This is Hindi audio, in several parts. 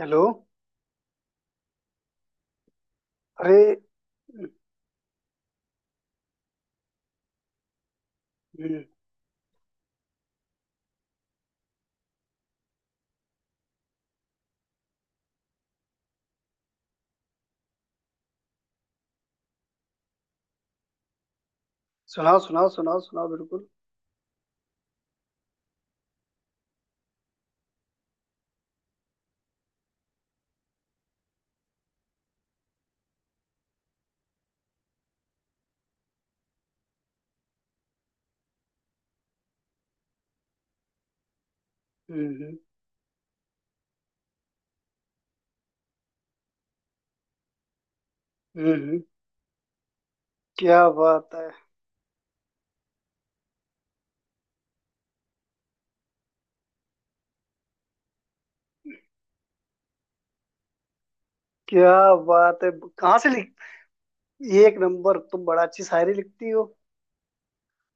हेलो। अरे। हम्म, सुनाओ सुनाओ सुनाओ सुनाओ बिल्कुल। हम्म हम्म। क्या बात है। क्या बात है। कहाँ से लिख। एक नंबर। तुम बड़ा अच्छी शायरी लिखती हो।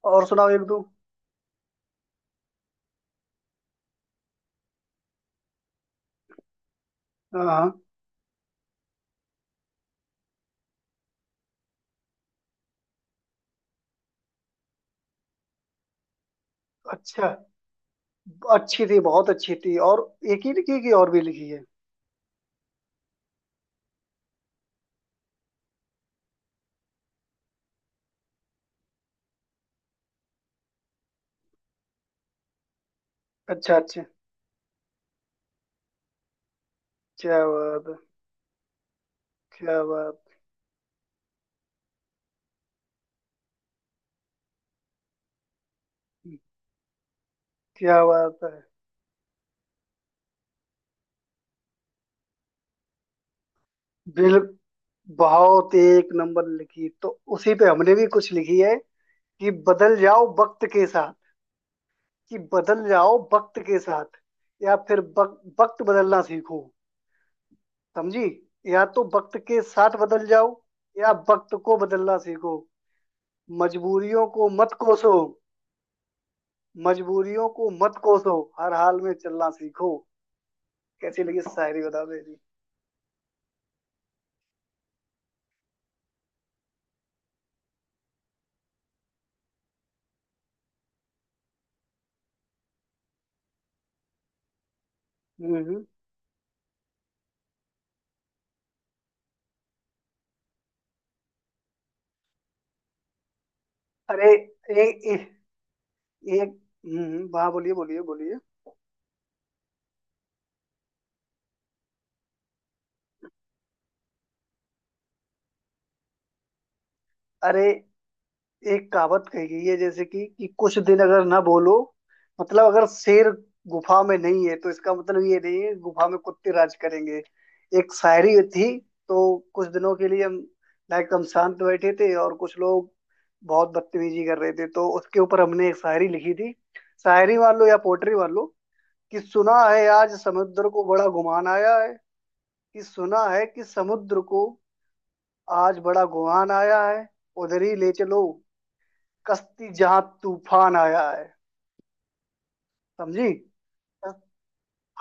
और सुनाओ एक दो। हाँ हाँ। अच्छा। अच्छी थी बहुत अच्छी थी। और एक ही लिखी की और भी लिखी है। अच्छा अच्छा। क्या बात है। क्या बात। क्या बात है। बिल बहुत एक नंबर लिखी। तो उसी पे हमने भी कुछ लिखी है कि बदल जाओ वक्त के साथ। कि बदल जाओ वक्त के साथ या फिर वक्त बदलना सीखो। समझी। या तो वक्त के साथ बदल जाओ या वक्त को बदलना सीखो। मजबूरियों को मत कोसो। मजबूरियों को मत कोसो हर हाल में चलना सीखो। कैसी लगी शायरी बता मेरी। हम्म। अरे ए, ए, एक। हम्म, वाह, बोलिए बोलिए बोलिए। अरे एक कहावत कही गई है जैसे कि कुछ दिन अगर ना बोलो मतलब अगर शेर गुफा में नहीं है तो इसका मतलब ये नहीं है गुफा में कुत्ते राज करेंगे। एक शायरी थी। तो कुछ दिनों के लिए हम लाइक हम शांत बैठे थे और कुछ लोग बहुत बदतमीजी कर रहे थे। तो उसके ऊपर हमने एक शायरी लिखी थी शायरी वालों या पोएट्री वालों। कि सुना है आज समुद्र को बड़ा गुमान आया है। कि सुना है कि समुद्र को आज बड़ा गुमान आया है। उधर ही ले चलो कश्ती जहां तूफान आया है। समझी।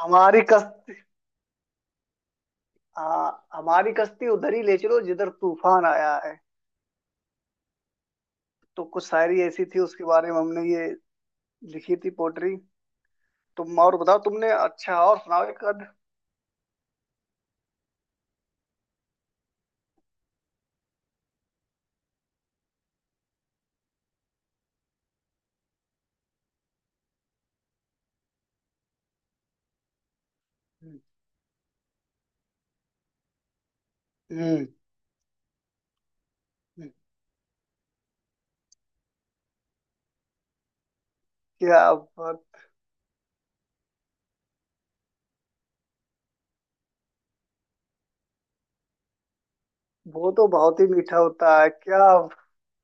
हमारी कश्ती। हाँ, हमारी कश्ती उधर ही ले चलो जिधर तूफान आया है। तो कुछ शायरी ऐसी थी उसके बारे में हमने ये लिखी थी पोट्री। तुम और बताओ। तुमने अच्छा और सुनाओ एक आध। हम्म हम्म। क्या बात। वो तो बहुत ही मीठा होता है क्या।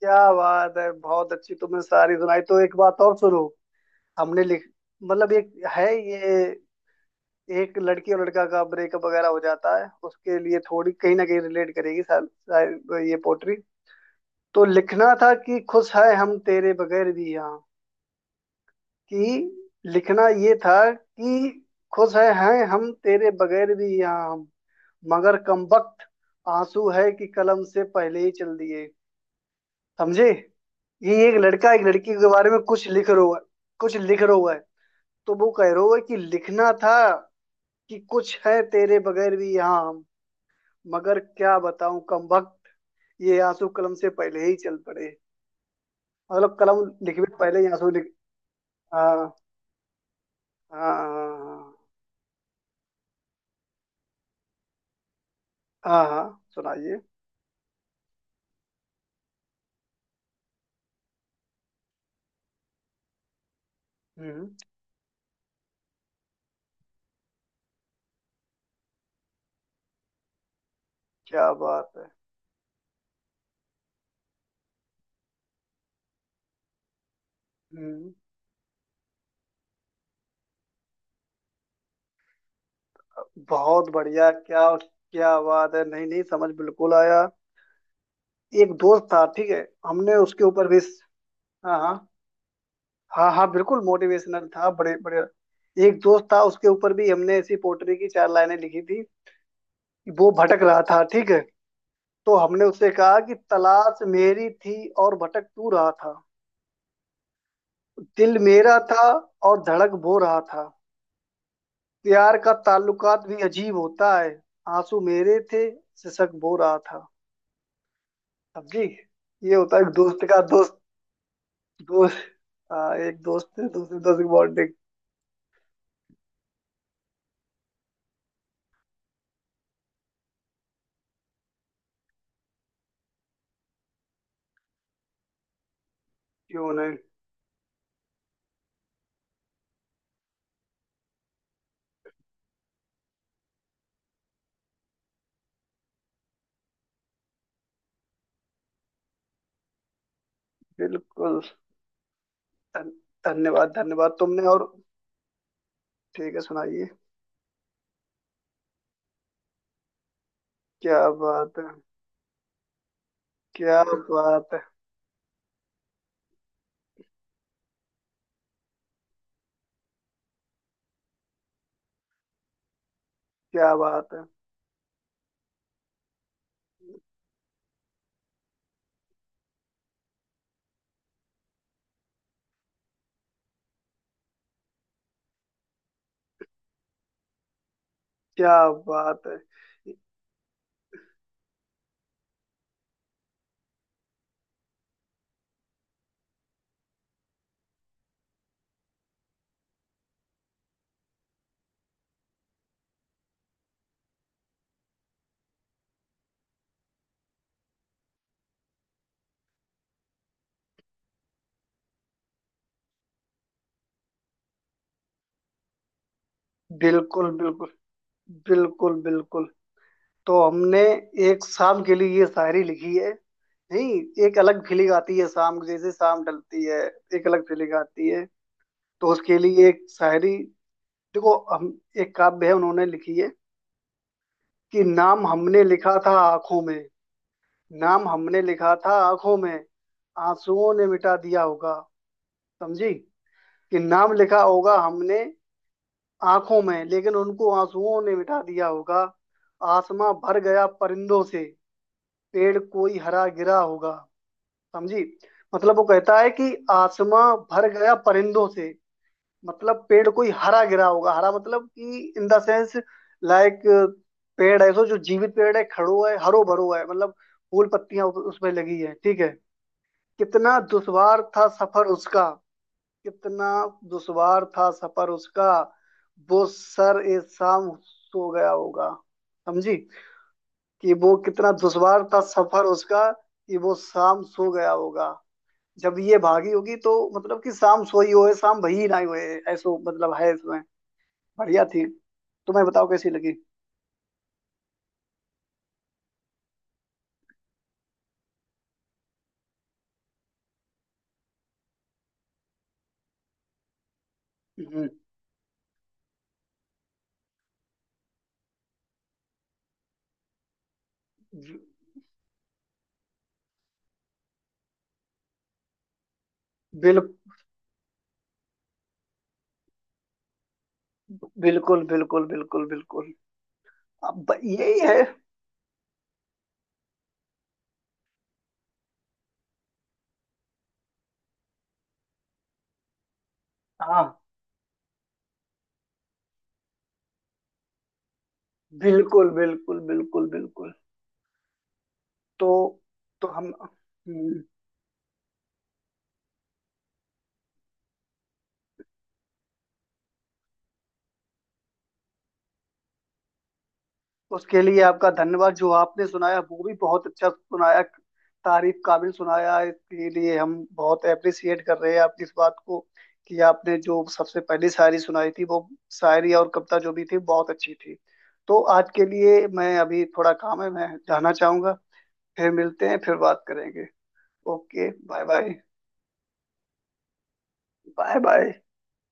क्या बात है। बहुत अच्छी तुमने शायरी सुनाई। तो एक बात और सुनो। हमने लिख। मतलब एक है ये। एक लड़की और लड़का का ब्रेकअप वगैरह हो जाता है उसके लिए थोड़ी कहीं ना कहीं रिलेट करेगी शायद। शायद ये पोट्री। तो लिखना था कि खुश है हम तेरे बगैर भी यहाँ। कि लिखना ये था कि खुश है हैं हम तेरे बगैर भी यहाँ हम। मगर कमबख्त आंसू है कि कलम से पहले ही चल दिए। समझे। ये एक लड़का एक लड़की के बारे में कुछ लिख रहा है। कुछ लिख रहा है। तो वो कह रहा है कि लिखना था कि कुछ है तेरे बगैर भी यहाँ हम। मगर क्या बताऊं कमबख्त ये आंसू कलम से पहले ही चल पड़े। मतलब कलम लिखने से पहले ही आंसू लिख। हाँ हाँ हाँ हाँ हाँ, सुनाइए। हम्म। क्या बात है। हम्म। बहुत बढ़िया क्या। क्या बात है। नहीं नहीं, समझ बिल्कुल आया। एक दोस्त था ठीक है। हमने उसके ऊपर भी। हाँ हाँ। हाँ हाँ बिल्कुल मोटिवेशनल था बड़े बड़े। एक दोस्त था उसके ऊपर भी हमने ऐसी पोट्री की चार लाइनें लिखी थी। वो भटक रहा था ठीक है। तो हमने उससे कहा कि तलाश मेरी थी और भटक तू रहा था। दिल मेरा था और धड़क वो रहा था। प्यार का ताल्लुकात भी अजीब होता है। आंसू मेरे थे सिसक वो रहा था। समझी। ये होता है एक दोस्त का दोस्त। दोस्त, एक दोस्त है, दूसरे दोस्त की बॉन्डिंग। क्यों नहीं। बिल्कुल। धन, धन्यवाद धन्यवाद। तुमने और। ठीक है, सुनाइए। क्या बात है। क्या बात है। क्या बात है। क्या बात है। बिल्कुल बिल्कुल बिल्कुल बिल्कुल। तो हमने एक शाम के लिए ये शायरी लिखी है। नहीं, एक अलग फीलिंग आती है शाम, जैसे शाम ढलती है। एक अलग फीलिंग आती है। तो उसके लिए एक शायरी। देखो हम, एक काव्य है उन्होंने लिखी है। कि नाम हमने लिखा था आंखों में। नाम हमने लिखा था आंखों में, आंसुओं ने मिटा दिया होगा। समझी। कि नाम लिखा होगा हमने आंखों में, लेकिन उनको आंसुओं ने मिटा दिया होगा। आसमां भर गया परिंदों से, पेड़ कोई हरा गिरा होगा। समझी। मतलब वो कहता है कि आसमां भर गया परिंदों से। मतलब पेड़ कोई हरा गिरा होगा। हरा मतलब कि इन द सेंस लाइक, पेड़ ऐसो जो जीवित पेड़ है, खड़ो है, हरो भरो है। मतलब फूल पत्तियां उसमें लगी है, ठीक है। कितना दुश्वार था सफर उसका। कितना दुश्वार था सफर उसका, वो सर ए शाम सो गया होगा। समझी। कि वो कितना दुश्वार था सफर उसका कि वो शाम सो गया होगा। जब ये भागी होगी, तो मतलब कि शाम सोई होए शाम भई ना होए। ऐसो मतलब है इसमें। बढ़िया थी। तुम्हें बताओ कैसी लगी। हम्म, बिल बिल्कुल बिल्कुल बिल्कुल बिल्कुल। अब यही है। हाँ बिल्कुल बिल्कुल बिल्कुल बिल्कुल। तो तो हम उसके लिए आपका धन्यवाद, जो आपने सुनाया वो भी बहुत अच्छा सुनाया। तारीफ काबिल सुनाया। इसके लिए हम बहुत अप्रिसिएट कर रहे हैं आपकी इस बात को। कि आपने जो सबसे पहली शायरी सुनाई थी, वो शायरी और कविता जो भी थी बहुत अच्छी थी। तो आज के लिए, मैं अभी थोड़ा काम है, मैं जाना चाहूंगा। फिर मिलते हैं, फिर बात करेंगे। Okay, bye bye bye bye.